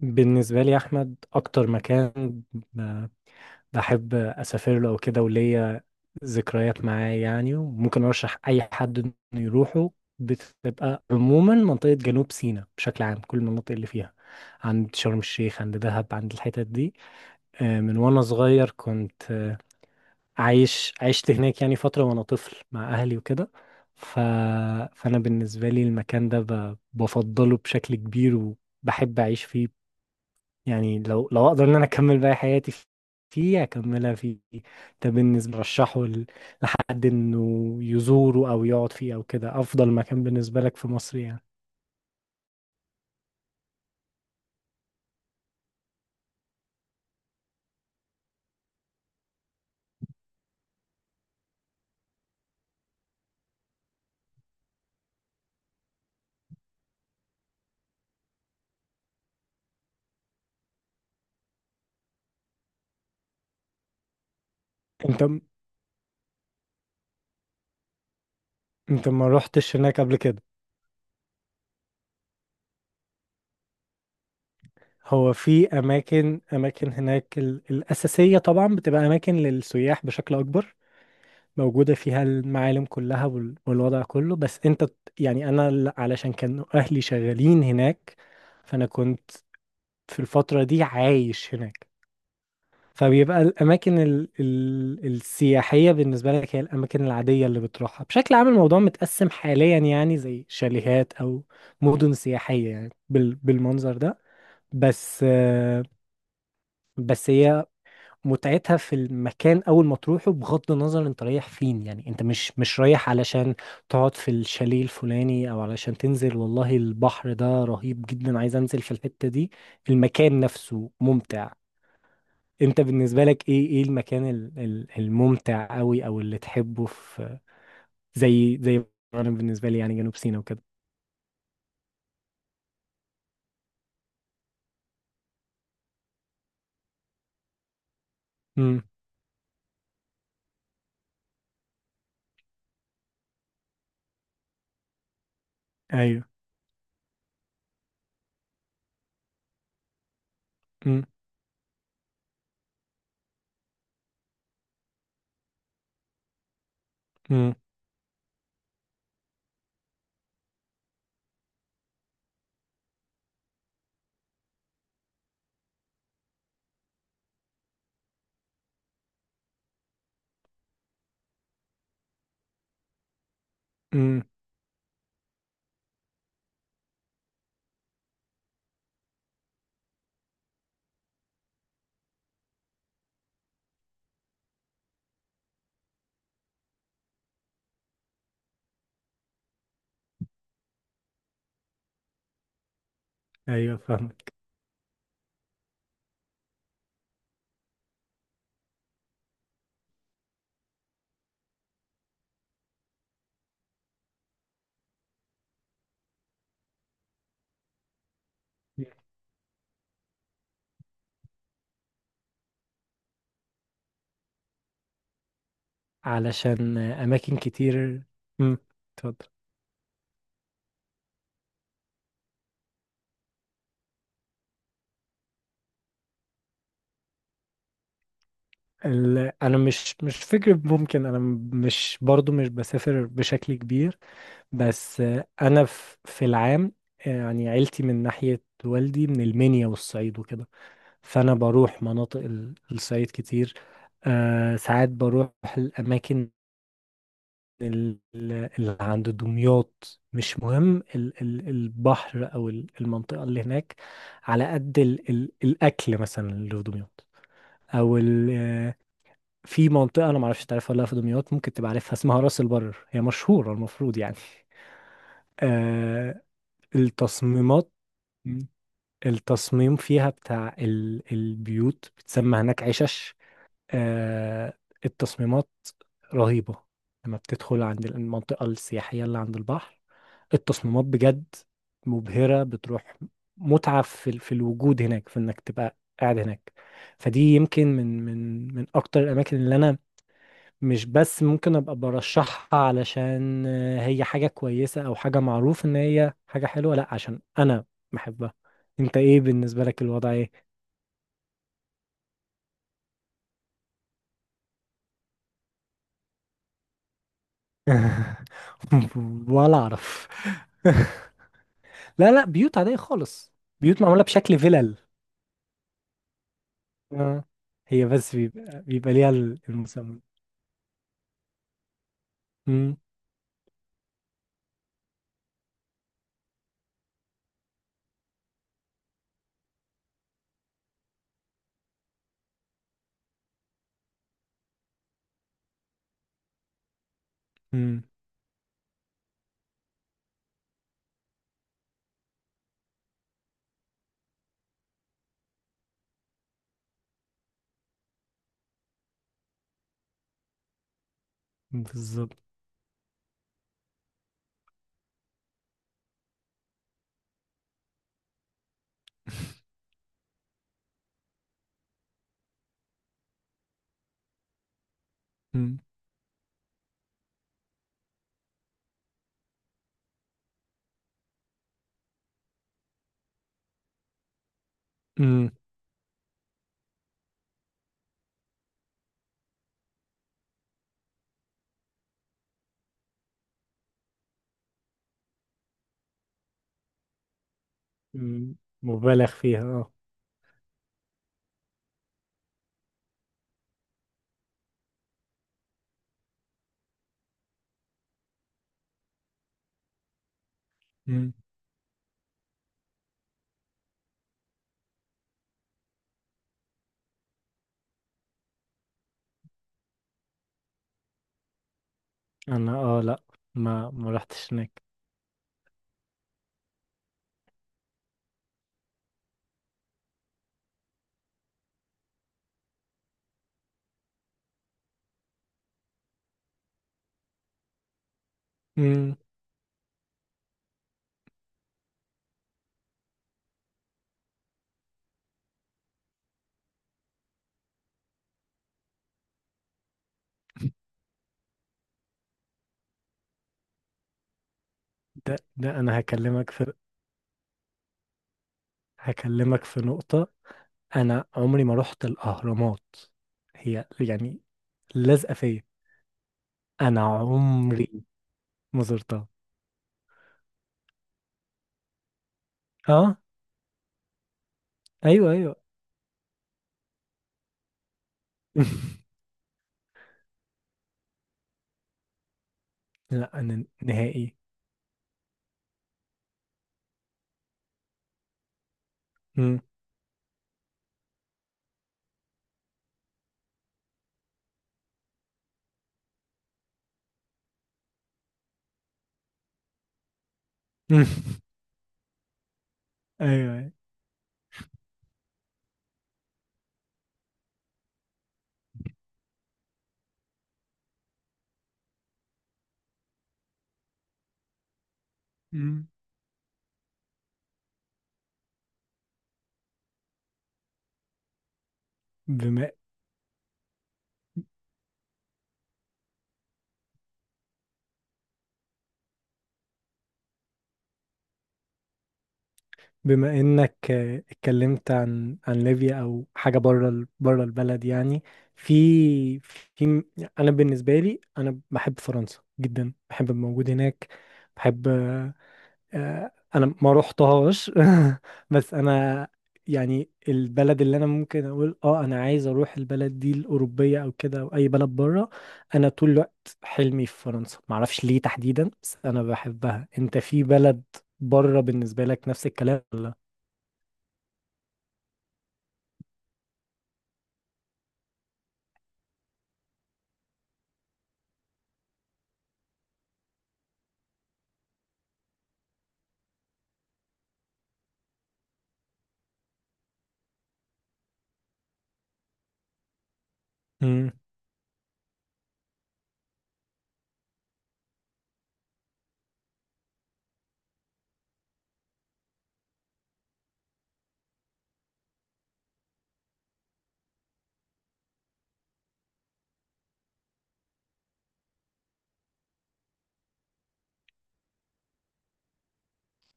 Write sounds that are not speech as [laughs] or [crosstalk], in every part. بالنسبة لي يا أحمد أكتر مكان بحب أسافر له وكده، وليا ذكريات معاه، يعني وممكن أرشح أي حد إنه يروحه. بتبقى عموما منطقة جنوب سيناء بشكل عام، كل المناطق اللي فيها، عند شرم الشيخ، عند دهب، عند الحتت دي. من وأنا صغير كنت، عشت هناك يعني فترة وأنا طفل مع أهلي وكده. ف... فأنا بالنسبة لي المكان ده بفضله بشكل كبير وبحب أعيش فيه. يعني لو اقدر ان انا اكمل باقي حياتي فيه، اكملها فيه. ده بالنسبه رشحه لحد انه يزوره او يقعد فيه او كده، افضل مكان بالنسبه لك في مصر يعني. انت م- انت ما روحتش هناك قبل كده؟ هو في اماكن هناك، الاساسيه طبعا بتبقى اماكن للسياح بشكل اكبر، موجوده فيها المعالم كلها والوضع كله، بس يعني علشان كانوا اهلي شغالين هناك، فانا كنت في الفتره دي عايش هناك. فبيبقى الأماكن ال السياحية بالنسبة لك هي الأماكن العادية اللي بتروحها. بشكل عام الموضوع متقسم حاليا، يعني زي شاليهات أو مدن سياحية، يعني بالمنظر ده. بس آه، بس هي متعتها في المكان أول ما تروحه، بغض النظر أنت رايح فين، يعني أنت مش رايح علشان تقعد في الشاليه الفلاني، أو علشان تنزل والله البحر ده رهيب جدا عايز أنزل في الحتة دي. المكان نفسه ممتع. انت بالنسبة لك ايه المكان الممتع قوي او اللي تحبه، زي انا بالنسبة لي يعني جنوب سيناء وكده؟ امم. ايوه. امم. امم. امم. ايوه فاهمك. علشان اماكن كتير. امم. اتفضل. انا مش فكرة ممكن، مش برضو مش بسافر بشكل كبير. بس انا في العام، يعني عيلتي من ناحية والدي من المنيا والصعيد وكده، فانا بروح مناطق الصعيد كتير. ساعات بروح الاماكن اللي عند دمياط، مش مهم البحر او المنطقه اللي هناك، على قد الاكل مثلا اللي في دمياط، او في منطقه انا معرفش تعرفها ولا لأ في دمياط، ممكن تبقى عارفها، اسمها راس البر، هي مشهوره المفروض يعني. آه التصميمات، التصميم فيها بتاع البيوت بتسمى هناك عشش. آه، التصميمات رهيبة، لما بتدخل عند المنطقة السياحية اللي عند البحر التصميمات بجد مبهرة، بتروح متعة في الوجود هناك، في انك تبقى قاعد هناك. فدي يمكن من اكتر الاماكن اللي انا، مش بس ممكن ابقى برشحها علشان هي حاجة كويسة او حاجة معروف ان هي حاجة حلوة، لا عشان انا بحبها. انت ايه بالنسبة لك الوضع ايه؟ [laughs] ولا اعرف. [laughs] لا، لا، بيوت عادية خالص، بيوت معمولة بشكل فيلل. آه. هي بس بيبقى ليها المسمى. مم، مم، بالظبط. مم، مم، مم، مبالغ فيها اه. مم. انا لا، ما رحتش هناك. مم، ده انا هكلمك في نقطة. انا عمري ما رحت الاهرامات، هي يعني لازقة فيا. انا عمري ما زرتها. اه، ايوه، ايوه. [laughs] لا انا نهائي. مم. مم. [laughs] ايوه، أيوة. مم. بما انك اتكلمت عن ليبيا او حاجه بره بره البلد يعني، في في م- انا بالنسبه لي انا بحب فرنسا جدا، بحب الموجود هناك. بحب انا ما روحتهاش. [laughs] بس انا يعني البلد اللي انا ممكن اقول انا عايز اروح البلد دي الاوروبيه او كده، او اي بلد بره، انا طول الوقت حلمي في فرنسا، ما اعرفش ليه تحديدا بس انا بحبها. انت في بلد بره بالنسبه لك نفس الكلام ولا؟ مم.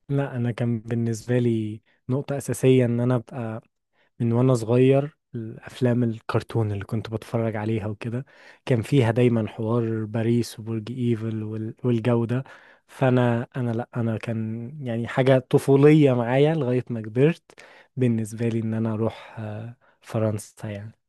لا انا كان بالنسبه لي نقطه اساسيه ان انا ابقى، من وانا صغير الافلام الكرتون اللي كنت بتفرج عليها وكده كان فيها دايما حوار باريس وبرج ايفل والجو ده. فانا لا انا كان يعني حاجة طفولية معايا لغاية ما كبرت بالنسبة لي ان انا اروح فرنسا يعني